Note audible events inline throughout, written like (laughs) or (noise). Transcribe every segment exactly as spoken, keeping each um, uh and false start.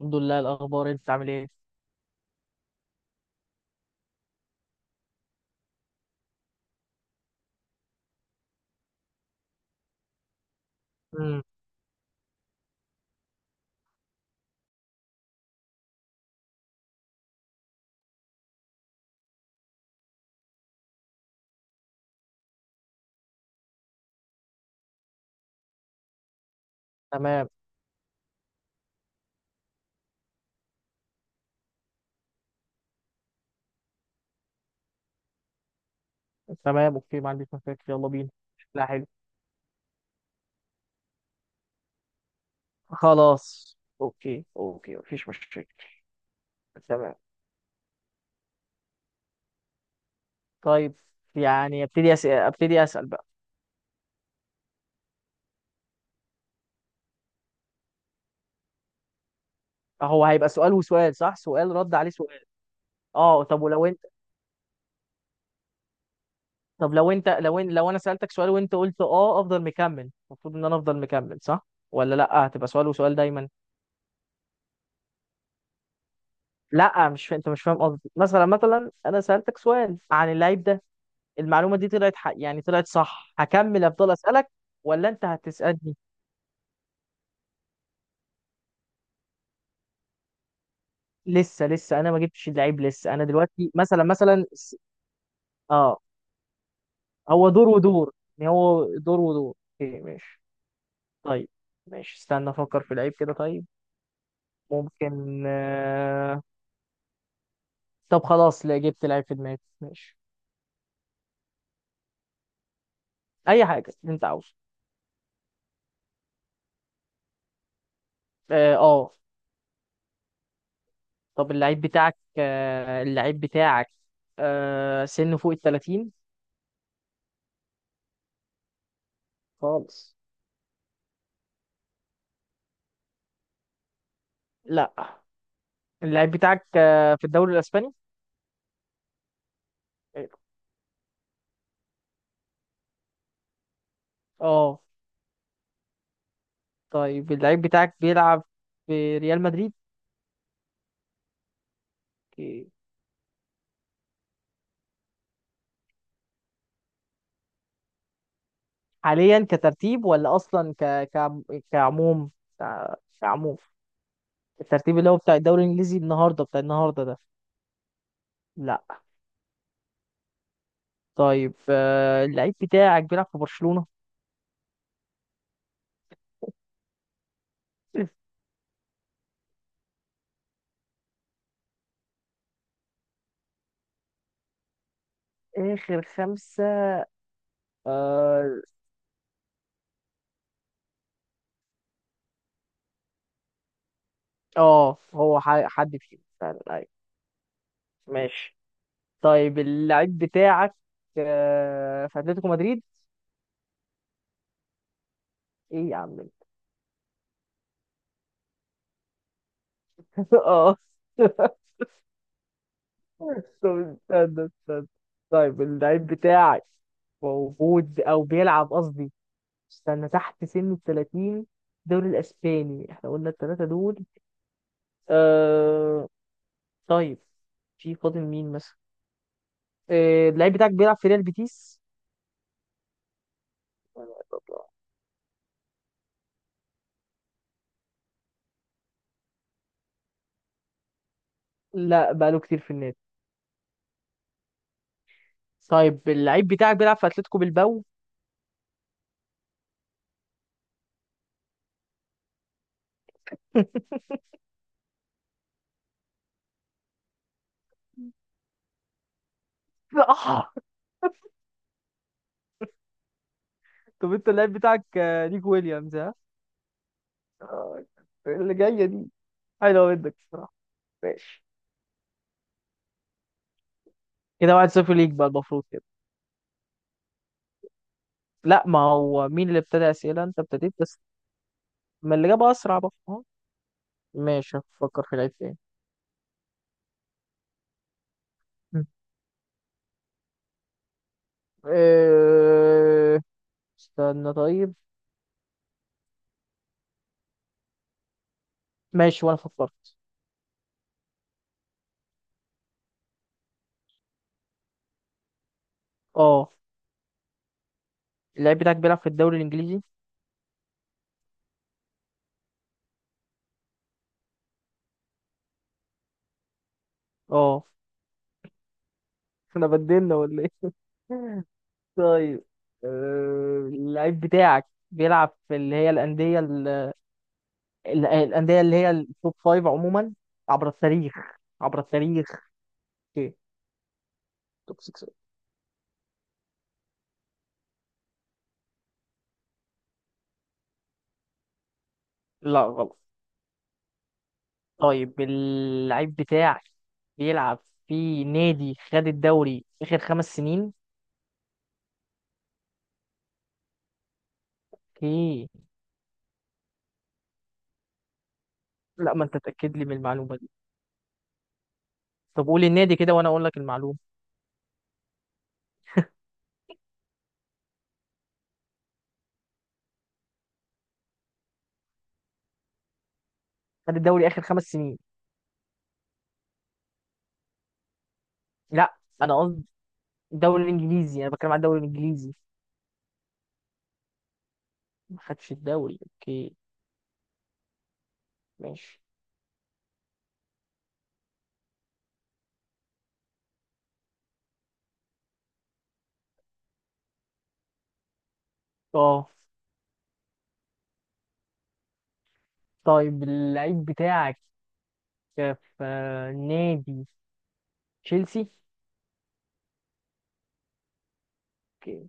الحمد لله، إيه الأخبار؟ أنت عامل إيه؟ مم. تمام. تمام أوكي، ما عنديش مشاكل، يلا بينا. لا، حلو. خلاص أوكي، أوكي مفيش مشاكل. تمام. طيب، يعني أبتدي أسأل، أبتدي أسأل بقى. هو هيبقى سؤال وسؤال صح؟ سؤال رد عليه سؤال. أه طب ولو أنت، طب لو أنت لو إن... لو أنا سألتك سؤال وأنت قلت أه أفضل مكمل، المفروض إن أنا أفضل مكمل صح؟ ولا لأ، هتبقى سؤال وسؤال دايما. لا، مش انت، مش فاهم قصدي. مثلا مثلا انا سالتك سؤال عن اللعيب ده. المعلومه دي طلعت حق، يعني طلعت صح، هكمل افضل اسالك ولا انت هتسالني؟ لسه لسه انا ما جبتش اللعيب لسه، انا دلوقتي مثلا، مثلا س- اه. هو دور ودور، يعني هو دور ودور. اوكي ماشي. طيب ماشي، استنى افكر في لعيب كده. طيب ممكن آه... طب خلاص، لا جبت لعيب في دماغي، ماشي. اي حاجه انت عاوزه. اه آه. طب اللعيب بتاعك، آه، اللعيب بتاعك آه، سنه فوق ال ثلاثين؟ خالص. لا، اللعيب بتاعك آه، في الدوري الاسباني؟ اه. طيب اللعيب بتاعك بيلعب في ريال مدريد؟ أوكي. حاليا كترتيب ولا اصلا ك... ك... كعموم، ك- كعموم؟ الترتيب اللي هو بتاع الدوري الانجليزي النهارده، بتاع النهارده ده. لا. طيب آه، اللعيب بتاعك بيلعب في برشلونة؟ (laughs) اخر خمسة. اه آه، هو ح- حد فيهم فعلا. ماشي. طيب اللعيب بتاعك آه، في اتلتيكو مدريد؟ ايه يا عم، انت؟ (laughs) اه. (laughs) طب استنى استنى. طيب اللعيب بتاعك موجود او بيلعب قصدي، استنى، تحت سن ال ثلاثين، الدوري الاسباني احنا قلنا الثلاثه دول. آه... طيب في فاضل مين مثلا؟ آه... اللعيب بتاعك بيلعب في ريال بيتيس؟ لا، بقاله كتير في النادي. طيب اللعيب بتاعك بيلعب في اتلتيكو بالباو؟ (laughs) طب انت اللعيب بتاعك آه، نيكو ويليامز، ها؟ آه، اللي جاية دي حلو منك بصراحة. ماشي. كده واحد صفر ليك بقى المفروض كده. لا، ما هو مين اللي ابتدى أسئلة؟ انت ابتديت بس. ما اللي جاب أسرع بقى، اه. ماشي، هفكر في لعيب تاني. م. اه، استنى طيب. ماشي وانا فكرت. اه، اللعيب بتاعك بيلعب في الدوري الإنجليزي. اه. احنا بدلنا ولا ايه؟ (laughs) طيب، اه، اللعيب بتاعك بيلعب في اللي هي الأندية، ال- الأندية اللي هي التوب فايف عموما، عبر التاريخ، عبر التاريخ. اوكي، توب ستة؟ لا غلط. طيب اللعيب بتاعك بيلعب في نادي خد الدوري آخر خمس سنين؟ اوكي. لا، ما انت تأكد لي من المعلومة دي. طب قول النادي كده وانا اقول لك المعلومة. خد الدوري آخر خمس سنين؟ لا انا قصدي الدوري الانجليزي، انا بتكلم عن الدوري الانجليزي. ما خدش الدوري، اوكي ماشي. اه. طيب اللعيب بتاعك في نادي تشيلسي؟ اوكي.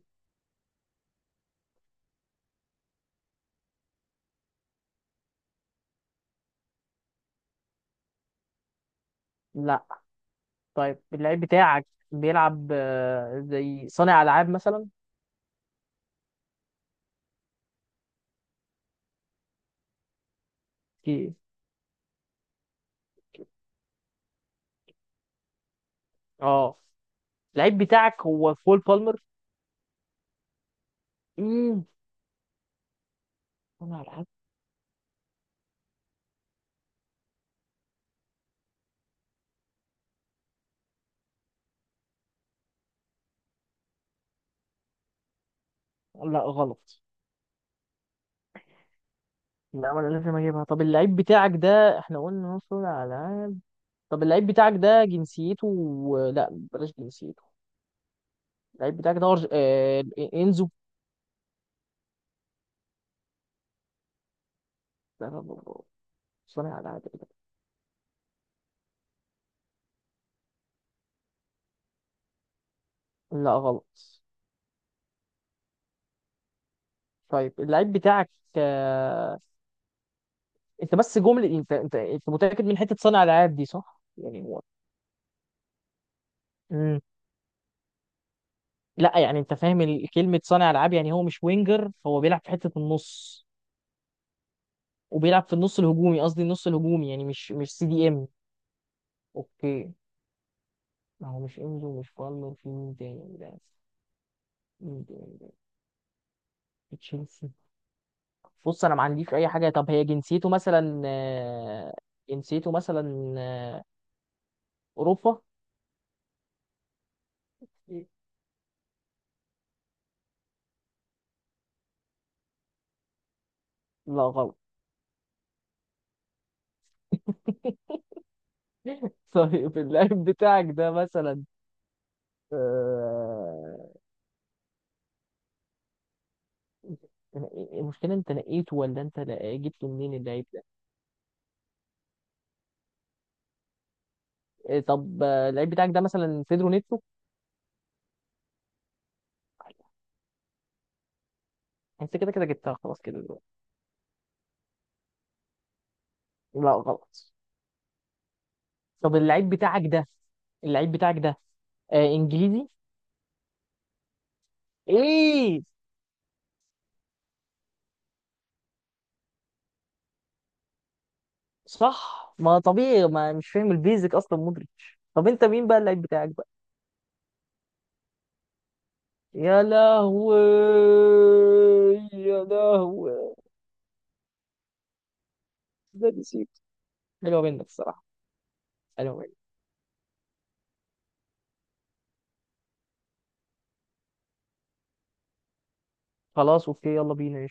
لا. طيب اللعيب بتاعك بيلعب آه، زي صانع العاب مثلا؟ اوكي اه. اللعيب بتاعك هو كول بالمر؟ امم صانع العاب. لا غلط. لا، ولا لازم اجيبها. طب اللعيب بتاعك ده احنا قلنا هو صانع العاب. طب اللعيب بتاعك ده جنسيته، لا بلاش جنسيته. اللعيب بتاعك ده أرج- آه، انزو؟ لا لا لا، لا، صانع العاب إيه ده؟ لا غلط. طيب اللعيب بتاعك، آه، انت بس جمله، انت انت انت متاكد من حته صانع العاب دي صح؟ يعني هو مم. لا يعني انت فاهم ال- كلمه صانع العاب، يعني هو مش وينجر، هو بيلعب في حته النص، وبيلعب في النص الهجومي قصدي النص الهجومي، يعني مش مش سي دي ام. اوكي. ما هو مش انزو مش بالمر، في مين تاني ده؟ مين تاني ده في تشيلسي. بص انا ما عنديش اي حاجه. طب هي جنسيته مثلا، آه، جنسيته مثلا آه، اوروبا؟ لا غلط. (laughs) طيب اللاعب بتاعك ده مثلا، المشكلة انت لقيته ولا انت لا- جبته منين اللعيب ده؟ إيه طب آه، اللعيب بتاعك ده مثلا بيدرو نيتو؟ انت كده كده جبتها خلاص كده دلوقتي. لا غلط. طب اللعيب بتاعك ده، اللعيب بتاعك ده آه، انجليزي؟ ايه. صح، ما طبيعي، ما مش فاهم البيزك اصلا مودريتش. طب انت مين بقى اللعيب بتاعك بقى؟ يا لهوي، يا لهوي. ده نسيت. حلوة منك الصراحة، حلوة منك. خلاص اوكي، يلا بينا.